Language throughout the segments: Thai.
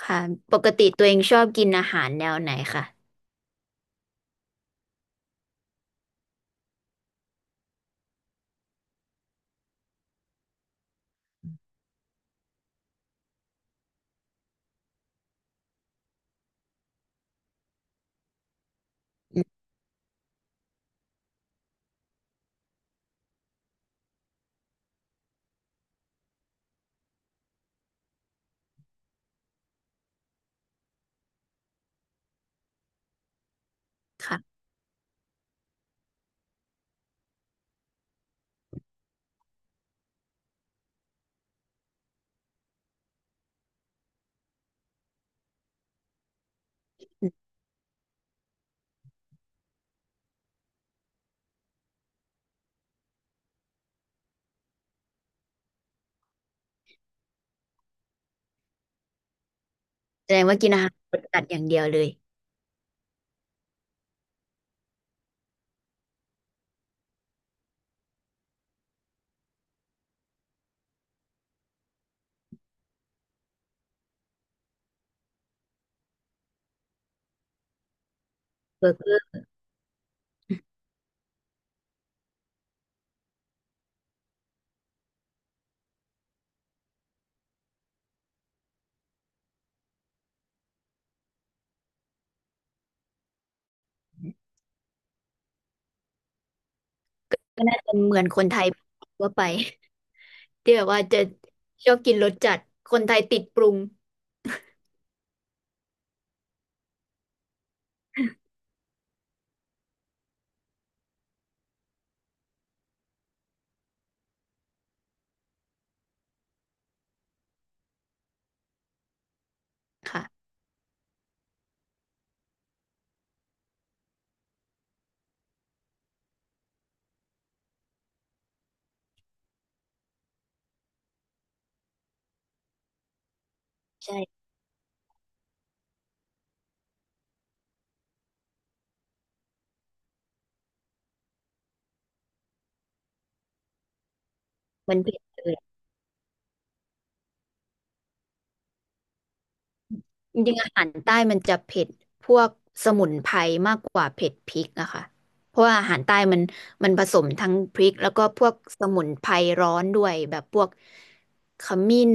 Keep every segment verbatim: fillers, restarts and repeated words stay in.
ค่ะปกติตัวเองชอบกินอาหารแนวไหนคะอืมค่ะแสดงว่ากินอาหารรสจัดอย่างเดียวเลยเบอร์เกอร์ก็น่าจะเหมือนคนไทยทั่วไป ที่แบบว่าจะชอบกินรสจัดคนไทยติดปรุงค่ะใช่มันเผ็ดเลย จริงๆอาหารใต้มันจะเผ็ดพวกสมุนไพรมากกว่าเผ็ดพริกอะค่ะเพราะว่าอาหารใต้มันมันผสมทั้งพริกแล้วก็พวกสมุนไพรร้อนด้วยแบบพวกขมิ้น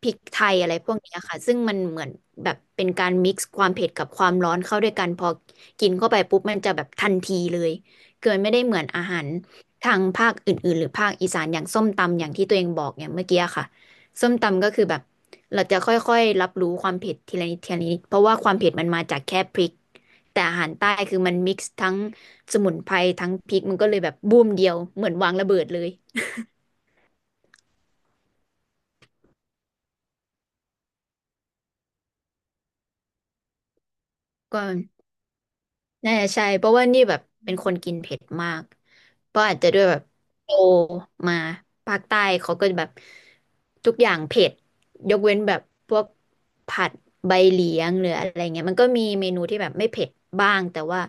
พริกไทยอะไรพวกเนี้ยค่ะซึ่งมันเหมือนแบบเป็นการมิกซ์ความเผ็ดกับความร้อนเข้าด้วยกันพอกินเข้าไปปุ๊บมันจะแบบทันทีเลยคือมันไม่ได้เหมือนอาหารทางภาคอื่นๆหรือภาคอีสานอย่างส้มตำอย่างที่ตัวเองบอกเนี่ยเมื่อกี้ค่ะ ส้มตำก็คือแบบเราจะค่อยๆรับรู้ความเผ็ดทีละนิดทีละนิดเพราะว่าความเผ็ดมันมาจากแค่พริกแต่อาหารใต้คือมันมิกซ์ทั้งสมุนไพรทั้งพริกมันก็เลยแบบบูมเดียวเหมือนวางระเบิดเลยก็น่าจะใช่เพราะว่านี่แบบเป็นคนกินเผ็ดมากเพราะอาจจะด้วยแบบโตมาภาคใต้เขาก็แบบทุกอย่างเผ็ดยกเว้นแบบพวกผัดใบเหลียงหรืออะไรเงี้ยมันก็มีเมนูที่แบบไม่เผ็ดบ้างแต่ว่า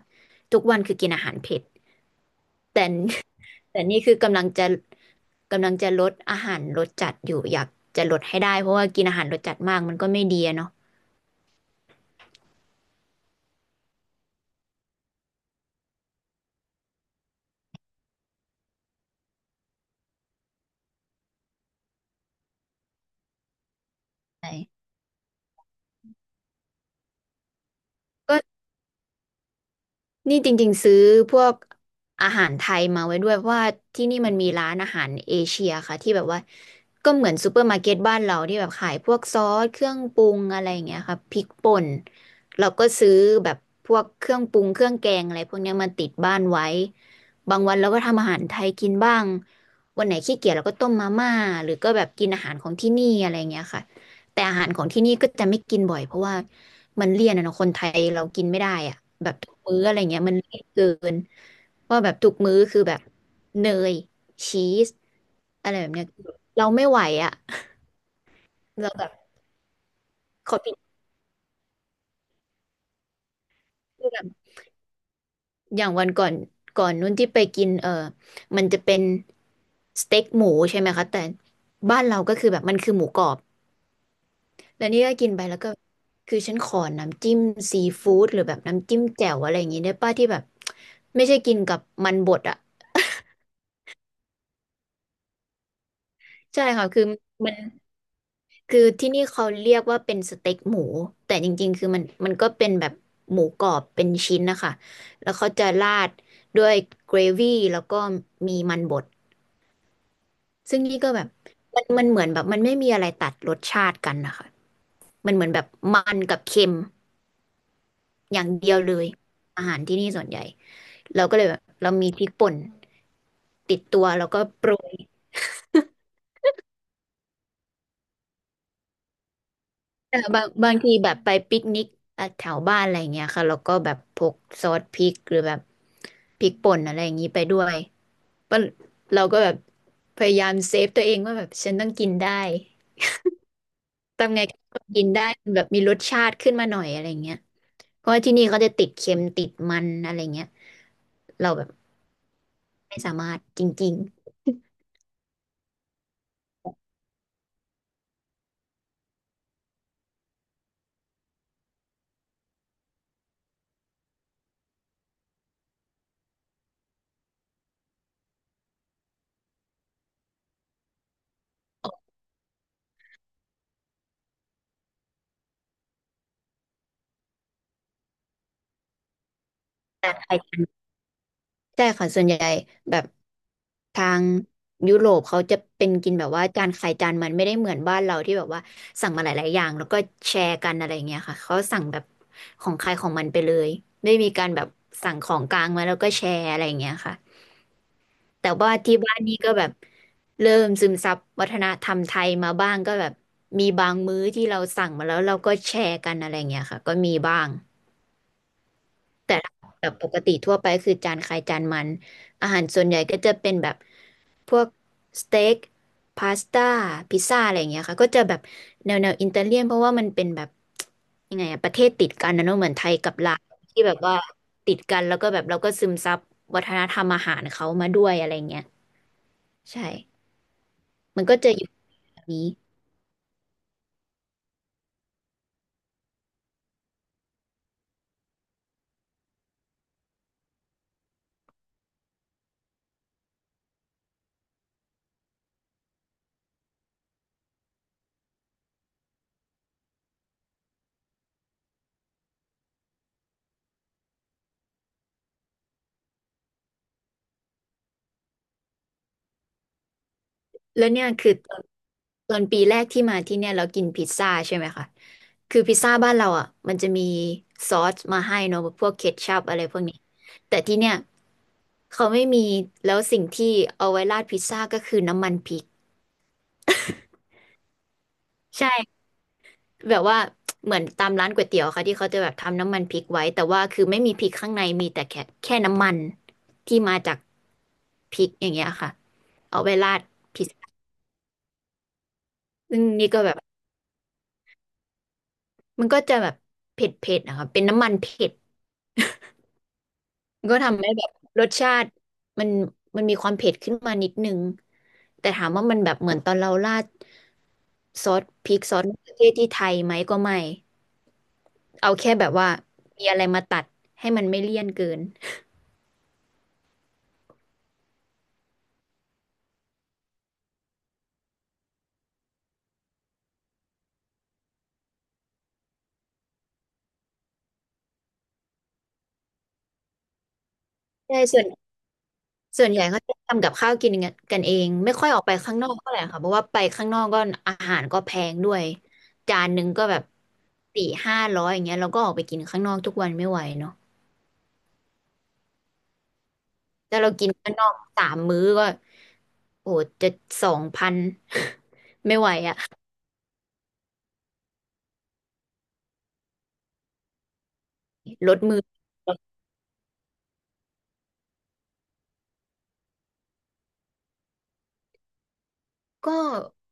ทุกวันคือกินอาหารเผ็ด แต่แต่นี่คือกำลังจะกำลังจะลดอาหารรสจัดอยู่อยากจะลดให้ได้เพราะว่ากินอาหารรสจัดมากมันก็ไม่ดีอะเนาะใช่ก็ นี่จริงๆซื้อพวกอาหารไทยมาไว้ด้วยเพราะว่าที่นี่มันมีร้านอาหารเอเชียค่ะที่แบบว่าก็เหมือนซูเปอร์มาร์เก็ตบ้านเราที่แบบขายพวกซอสเครื่องปรุงอะไรอย่างเงี้ยค่ะพริกป่นเราก็ซื้อแบบพวกเครื่องปรุงเครื่องแกงอะไรพวกเนี้ยมาติดบ้านไว้บางวันเราก็ทำอาหารไทยกินบ้างวันไหนขี้เกียจเราก็ต้มมาม่าหรือก็แบบกินอาหารของที่นี่อะไรอย่างเงี้ยค่ะ แต่อาหารของที่นี่ก็จะไม่กินบ่อยเพราะว่ามันเลี่ยนอะเนาะคนไทยเรากินไม่ได้อะแบบทุกมื้ออะไรเงี้ยมันเลี่ยนเกินว่าแบบทุกมื้อคือแบบเนยชีสอะไรแบบเนี้ยเราไม่ไหวอะเราแบบขอปิดเรื่องอย่างวันก่อนก่อนนู้นที่ไปกินเออมันจะเป็นสเต็กหมูใช่ไหมคะแต่บ้านเราก็คือแบบมันคือหมูกรอบ แล้วนี่ก็กินไปแล้วก็คือฉันขอน้ำจิ้มซีฟู้ดหรือแบบน้ำจิ้มแจ่วอะไรอย่างงี้ได้ป้าที่แบบไม่ใช่กินกับมันบดอ่ะใช่ค่ะคือมันคือที่นี่เขาเรียกว่าเป็นสเต็กหมูแต่จริงๆคือมันมันก็เป็นแบบหมูกรอบเป็นชิ้นนะคะแล้วเขาจะราดด้วยเกรวี่แล้วก็มีมันบดซึ่งนี่ก็แบบมันมันเหมือนแบบมันไม่มีอะไรตัดรสชาติกันนะคะมันเหมือนแบบมันกับเค็มอย่างเดียวเลยอาหารที่นี่ส่วนใหญ่ เราก็เลยแบบเรามีพริกป่นติดตัวแล้วก็โปรยแต่บางบางทีแบบไปปิกนิกอ่ะแถวบ้านอะไรอย่างเงี้ยค่ะเราก็แบบพกซอสพริกหรือแบบพริกป่นอะไรอย่างงี้ไปด้วยก็เราก็แบบพยายามเซฟตัวเองว่าแบบฉันต้องกินได้ทำไงก็กินได้แบบมีรสชาติขึ้นมาหน่อยอะไรอย่างเงี้ยเพราะว่าที่นี่เขาจะติดเค็มติดมันอะไรเงี้ยเราแบบไม่สามารถจริงๆแต่ไทย ใช่ค่ะส่วนใหญ่แบบทางยุโรปเขาจะเป็นกินแบบว่าจานใครจานมันไม่ได้เหมือนบ้านเราที่แบบว่าสั่งมาหลายๆอย่างแล้วก็แชร์กันอะไรเงี้ยค่ะเขาสั่งแบบของใครของมันไปเลยไม่มีการแบบสั่งของกลางมาแล้วก็แชร์อะไรเงี้ยค่ะแต่ว่าที่บ้านนี่ก็แบบเริ่มซึมซับวัฒนธรรมไทยมาบ้างก็แบบมีบางมื้อที่เราสั่งมาแล้วเราก็แชร์กันอะไรเงี้ยค่ะก็มีบ้าง แต่ถ้าแบบปกติทั่วไปคือจานใครจานมันอาหารส่วนใหญ่ก็จะเป็นแบบพวกสเต็กพาสต้าพิซซ่าอะไรอย่างเงี้ยค่ะก็จะแบบแนวแนวอิตาเลียนเพราะว่ามันเป็นแบบยังไงอะประเทศติดกันนะเนอะเหมือนไทยกับลาวที่แบบว่าติดกันแล้วก็แบบเราก็ซึมซับวัฒนธรรมอาหารเขามาด้วยอะไรเงี้ยใช่มันก็จะอยู่แบบนี้แล้วเนี่ยคือตอนตอนปีแรกที่มาที่เนี่ยเรากินพิซซ่าใช่ไหมคะ คือพิซซ่าบ้านเราอ่ะมันจะมีซอสมาให้เนอะพวกเคชัพอะไรพวกนี้แต่ที่เนี่ยเขาไม่มีแล้วสิ่งที่เอาไว้ราดพิซซ่าก็คือน้ำมันพริกใช่แบบว่าเหมือนตามร้านก๋วยเตี๋ยวค่ะที่เขาจะแบบทำน้ำมันพริกไว้แต่ว่าคือไม่มีพริกข้างในมีแต่แค่แค่น้ำมันที่มาจากพริกอย่างเงี้ยค่ะเอาไว้ราดพิซซ่าซึ่งนี่ก็แบบมันก็จะแบบเผ็ดๆนะคะเป็นน้ำมันเผ็ด ก็ทำให้แบบรสชาติมันมันมีความเผ็ดขึ้นมานิดนึงแต่ถามว่ามันแบบเหมือนตอนเราราดซอสพริกซอสมะเขือเทศที่ไทยไหมก็ไม่เอาแค่แบบว่ามีอะไรมาตัดให้มันไม่เลี่ยนเกินใช่ส่วนส่วนใหญ่เขาจะทำกับข้าวกินกันกันเองไม่ค่อยออกไปข้างนอกเท่าไหร่ค่ะเพราะว่าไปข้างนอกก็อาหารก็แพงด้วยจานหนึ่งก็แบบสี่ห้าร้อยอย่างเงี้ยเราก็ออกไปกินข้างนอกทุกวันไม่ไหวเนาะ แต่เรากินข้างนอกสามมื้อก็โอ้โหจะสองพัน ไม่ไหวอะลดมือก็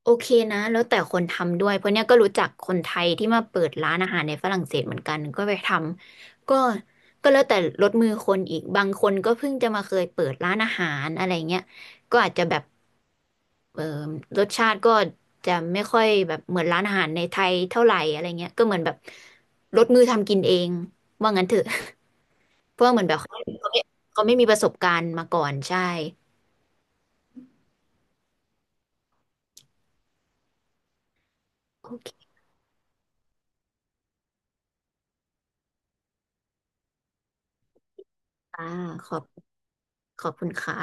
โอเคนะแล้วแต่คนทำด้วยเพราะเนี้ยก็รู้จักคนไทยที่มาเปิดร้านอาหารในฝรั่งเศสเหมือนกันก็ไปทำก็ก็แล้วแต่ลดมือคนอีกบางคนก็เพิ่งจะมาเคยเปิดร้านอาหารอะไรเงี้ยก็อาจจะแบบเออรสชาติก็จะไม่ค่อยแบบเหมือนร้านอาหารในไทยเท่าไหร่อะไรเงี้ยก็เหมือนแบบลดมือทำกินเองว่างั้นเถอะ เพื่อเหมือนแบบเขาเขาไม่เขาไม่มีประสบการณ์มาก่อนใช่โอเคค่ะขอบขอบคุณค่ะ